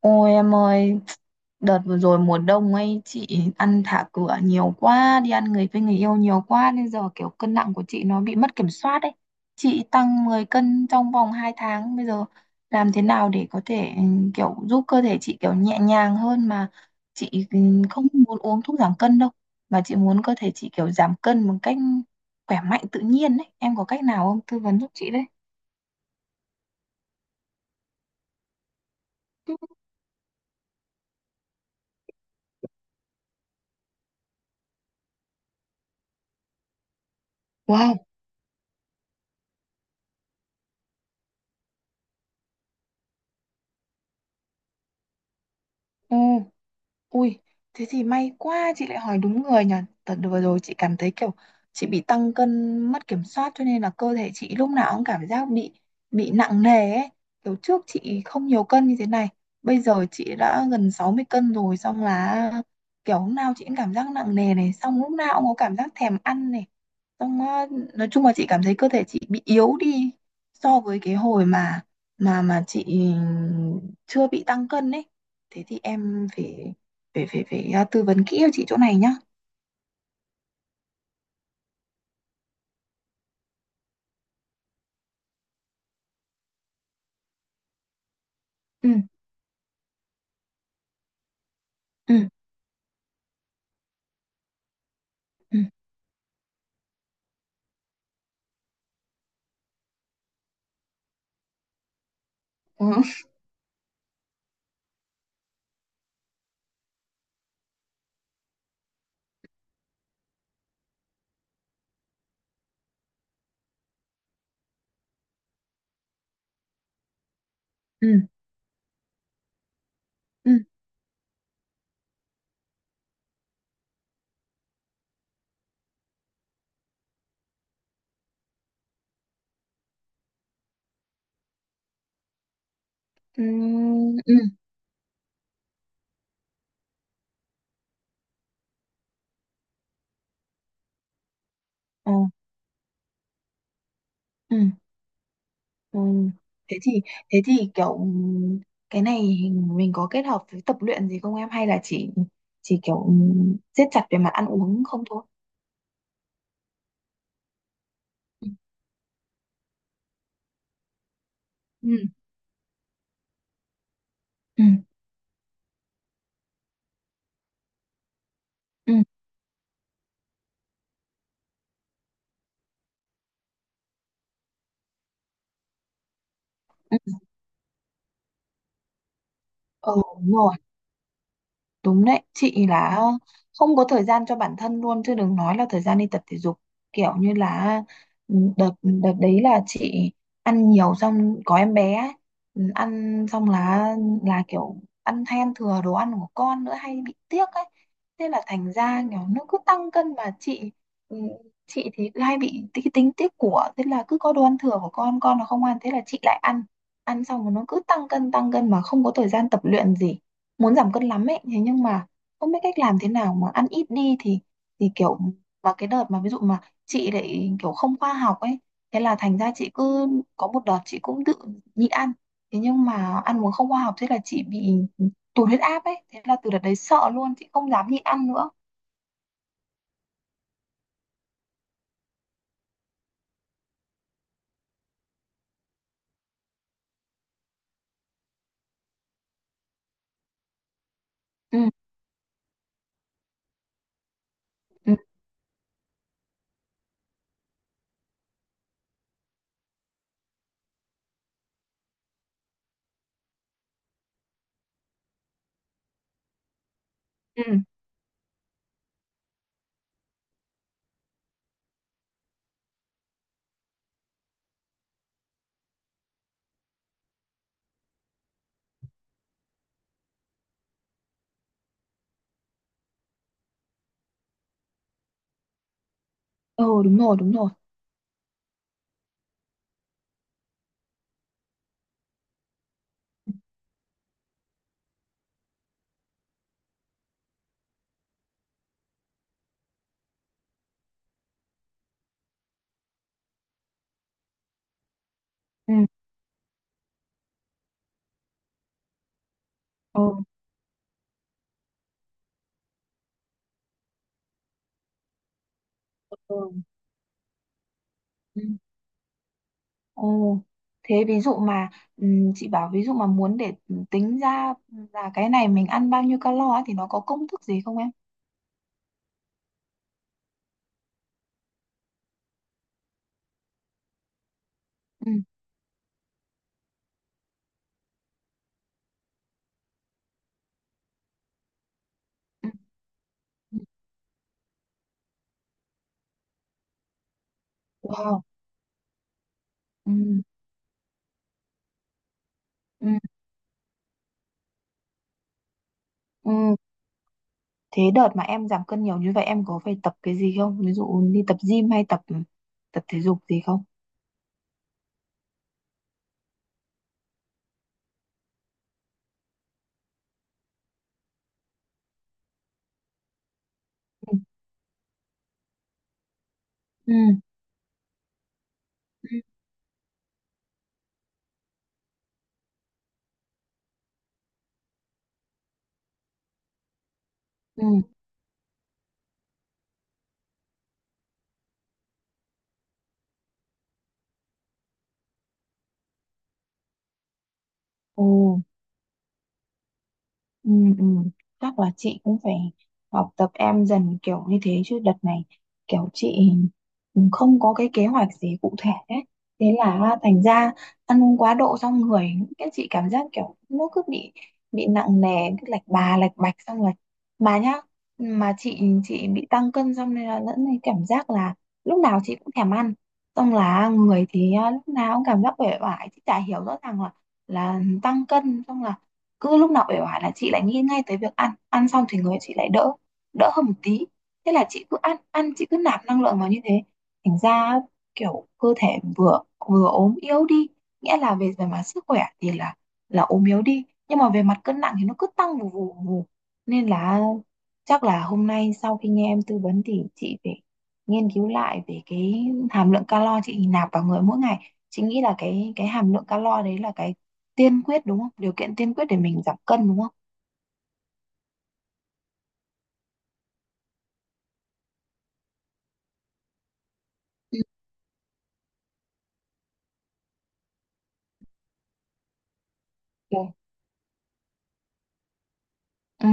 Ôi em ơi, đợt vừa rồi mùa đông ấy chị ăn thả cửa nhiều quá, đi ăn người với người yêu nhiều quá nên giờ kiểu cân nặng của chị nó bị mất kiểm soát ấy. Chị tăng 10 cân trong vòng 2 tháng, bây giờ làm thế nào để có thể kiểu giúp cơ thể chị kiểu nhẹ nhàng hơn mà chị không muốn uống thuốc giảm cân đâu, mà chị muốn cơ thể chị kiểu giảm cân một cách khỏe mạnh tự nhiên ấy. Em có cách nào không? Tư vấn giúp chị đấy. Wow, ừ. Ui, thế thì may quá chị lại hỏi đúng người nhỉ. Tật vừa rồi chị cảm thấy kiểu chị bị tăng cân mất kiểm soát cho nên là cơ thể chị lúc nào cũng cảm giác bị nặng nề ấy. Kiểu trước chị không nhiều cân như thế này. Bây giờ chị đã gần 60 cân rồi xong là kiểu lúc nào chị cũng cảm giác nặng nề này, xong lúc nào cũng có cảm giác thèm ăn này. Xong nói chung là chị cảm thấy cơ thể chị bị yếu đi so với cái hồi mà chị chưa bị tăng cân ấy. Thế thì em phải phải phải phải à, tư vấn kỹ cho chị chỗ này nhá. Ừ. Ừ. Ừ. Ờ. Ừ. Ừ. Ừ. Ừ. Ờ. Ừ. Ừ. thế thì thế thì kiểu cái này mình có kết hợp với tập luyện gì không em hay là chỉ kiểu siết chặt về mặt ăn uống không thôi? Ừ. Ừ. Ừ. Ừ. Ừ. Ờ. Đúng rồi. Đúng đấy, chị là không có thời gian cho bản thân luôn chứ đừng nói là thời gian đi tập thể dục. Kiểu như là đợt đợt đấy là chị ăn nhiều xong có em bé ấy. Ừ, ăn xong là kiểu ăn hay ăn thừa đồ ăn của con nữa hay bị tiếc ấy. Thế là thành ra kiểu nó cứ tăng cân mà chị ừ, chị thì cứ hay bị tính tiếc của, thế là cứ có đồ ăn thừa của con nó không ăn thế là chị lại ăn. Ăn xong rồi nó cứ tăng cân mà không có thời gian tập luyện gì, muốn giảm cân lắm ấy thế nhưng mà không biết cách làm thế nào mà ăn ít đi thì kiểu, mà cái đợt mà ví dụ mà chị lại kiểu không khoa học ấy, thế là thành ra chị cứ có một đợt chị cũng tự nhịn ăn, thế nhưng mà ăn uống không khoa học thế là chị bị tụt huyết áp ấy, thế là từ đợt đấy sợ luôn chị không dám nhịn ăn nữa. Ừ. Ừ. Ừ. Ừ. Đúng rồi, đúng rồi. Ừ. Ừ. Ừ. Ừ. Ồ, thế ví dụ mà chị bảo ví dụ mà muốn để tính ra là cái này mình ăn bao nhiêu calo á thì nó có công thức gì không em? Ừ. Ừ, ừ. Wow. Ừ. Ừ. Ừ. Thế đợt mà em giảm cân nhiều như vậy em có phải tập cái gì không? Ví dụ đi tập gym hay tập tập thể dục gì không? Ừ. Ừ. Ừ. Ừ. Ồ. Ừ, ừ. Chắc là chị cũng phải học tập em dần kiểu như thế chứ đợt này kiểu chị cũng không có cái kế hoạch gì cụ thể ấy. Thế là thành ra ăn uống quá độ xong người, cái chị cảm giác kiểu nó cứ bị nặng nề, cứ lạch bà lạch bạch xong rồi mà nhá, mà chị bị tăng cân xong nên là lẫn này cảm giác là lúc nào chị cũng thèm ăn, xong là người thì lúc nào cũng cảm giác uể oải. Chị chả hiểu, rõ ràng là tăng cân xong là cứ lúc nào uể oải là chị lại nghĩ ngay tới việc ăn, ăn xong thì người chị lại đỡ đỡ hơn một tí, thế là chị cứ ăn ăn chị cứ nạp năng lượng vào như thế, thành ra kiểu cơ thể vừa vừa ốm yếu đi, nghĩa là về về mặt sức khỏe thì là ốm yếu đi nhưng mà về mặt cân nặng thì nó cứ tăng vù vù vù, nên là chắc là hôm nay sau khi nghe em tư vấn thì chị phải nghiên cứu lại về cái hàm lượng calo chị nạp vào người mỗi ngày. Chị nghĩ là cái hàm lượng calo đấy là cái tiên quyết đúng không? Điều kiện tiên quyết để mình giảm cân đúng không? Ừ. Ừ. Ừ.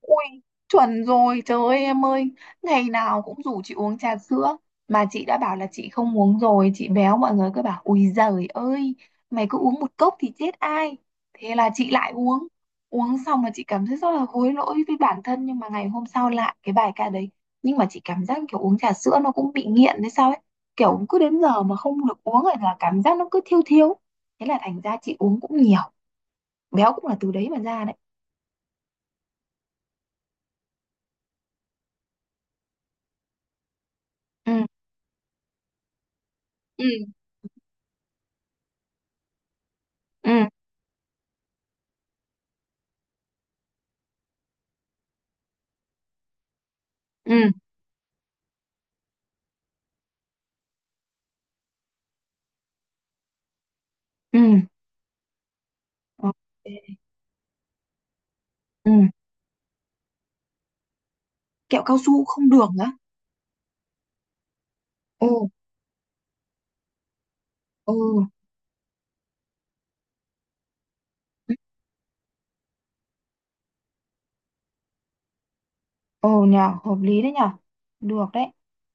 Ui, chuẩn rồi, trời ơi em ơi, ngày nào cũng rủ chị uống trà sữa, mà chị đã bảo là chị không uống rồi, chị béo, mọi người cứ bảo, ui giời ơi, mày cứ uống một cốc thì chết ai, thế là chị lại uống, uống xong là chị cảm thấy rất là hối lỗi với bản thân, nhưng mà ngày hôm sau lại cái bài ca đấy, nhưng mà chị cảm giác kiểu uống trà sữa nó cũng bị nghiện hay sao ấy, kiểu cứ đến giờ mà không được uống rồi là cảm giác nó cứ thiêu thiêu, thế là thành ra chị uống cũng nhiều, béo cũng là từ đấy mà ra đấy. Ừ, ừ, ừ, ừ. Ừ. Ờ, ừ. Kẹo cao su không đường á? Ồ. Ừ. Ồ, nhờ hợp lý đấy nhờ, được đấy,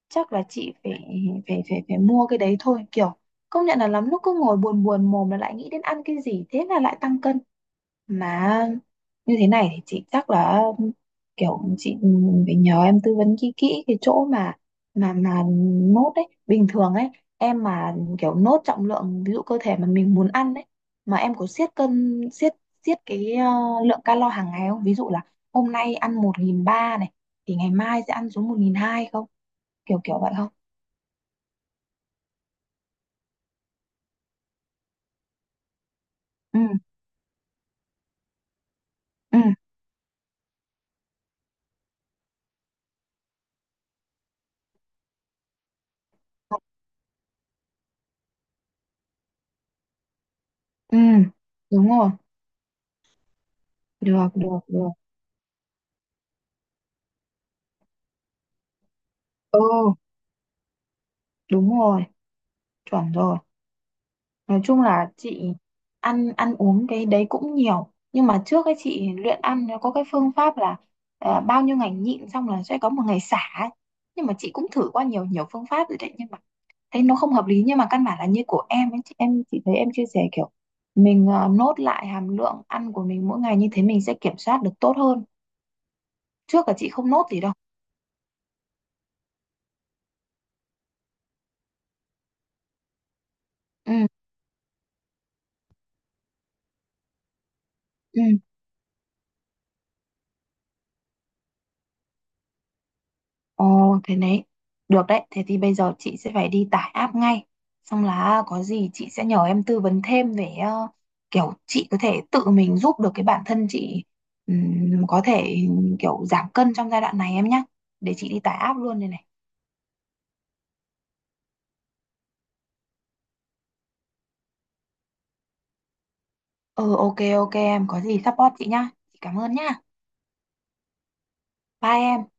chắc là chị phải phải phải phải mua cái đấy thôi, kiểu công nhận là lắm lúc cứ ngồi buồn buồn mồm là lại nghĩ đến ăn cái gì thế là lại tăng cân mà. Như thế này thì chị chắc là kiểu chị phải nhờ em tư vấn kỹ kỹ cái chỗ mà nốt ấy, bình thường ấy em mà kiểu nốt trọng lượng ví dụ cơ thể mà mình muốn ăn ấy, mà em có siết cân siết siết cái lượng calo hàng ngày không, ví dụ là hôm nay ăn 1.300 này thì ngày mai sẽ ăn xuống 1.200 không, kiểu kiểu vậy không? Ừ. Ừ. Ừ. Đúng rồi. Được, được, được. Ừ. Đúng rồi. Chuẩn rồi. Nói chung là chị ăn ăn uống cái đấy cũng nhiều nhưng mà trước ấy chị luyện ăn nó có cái phương pháp là bao nhiêu ngày nhịn xong là sẽ có một ngày xả ấy. Nhưng mà chị cũng thử qua nhiều nhiều phương pháp rồi đấy nhưng mà thấy nó không hợp lý, nhưng mà căn bản là như của em ấy, chị em chị thấy em chia sẻ kiểu mình nốt lại hàm lượng ăn của mình mỗi ngày như thế mình sẽ kiểm soát được tốt hơn, trước là chị không nốt gì đâu. Ừ. Ừ. Ồ, thế đấy. Được đấy, thế thì bây giờ chị sẽ phải đi tải app ngay. Xong là có gì chị sẽ nhờ em tư vấn thêm về kiểu chị có thể tự mình giúp được cái bản thân chị, có thể kiểu giảm cân trong giai đoạn này em nhá. Để chị đi tải app luôn đây này. Ừ, ok, ok em. Có gì support chị nhá. Chị cảm ơn nhá. Bye em.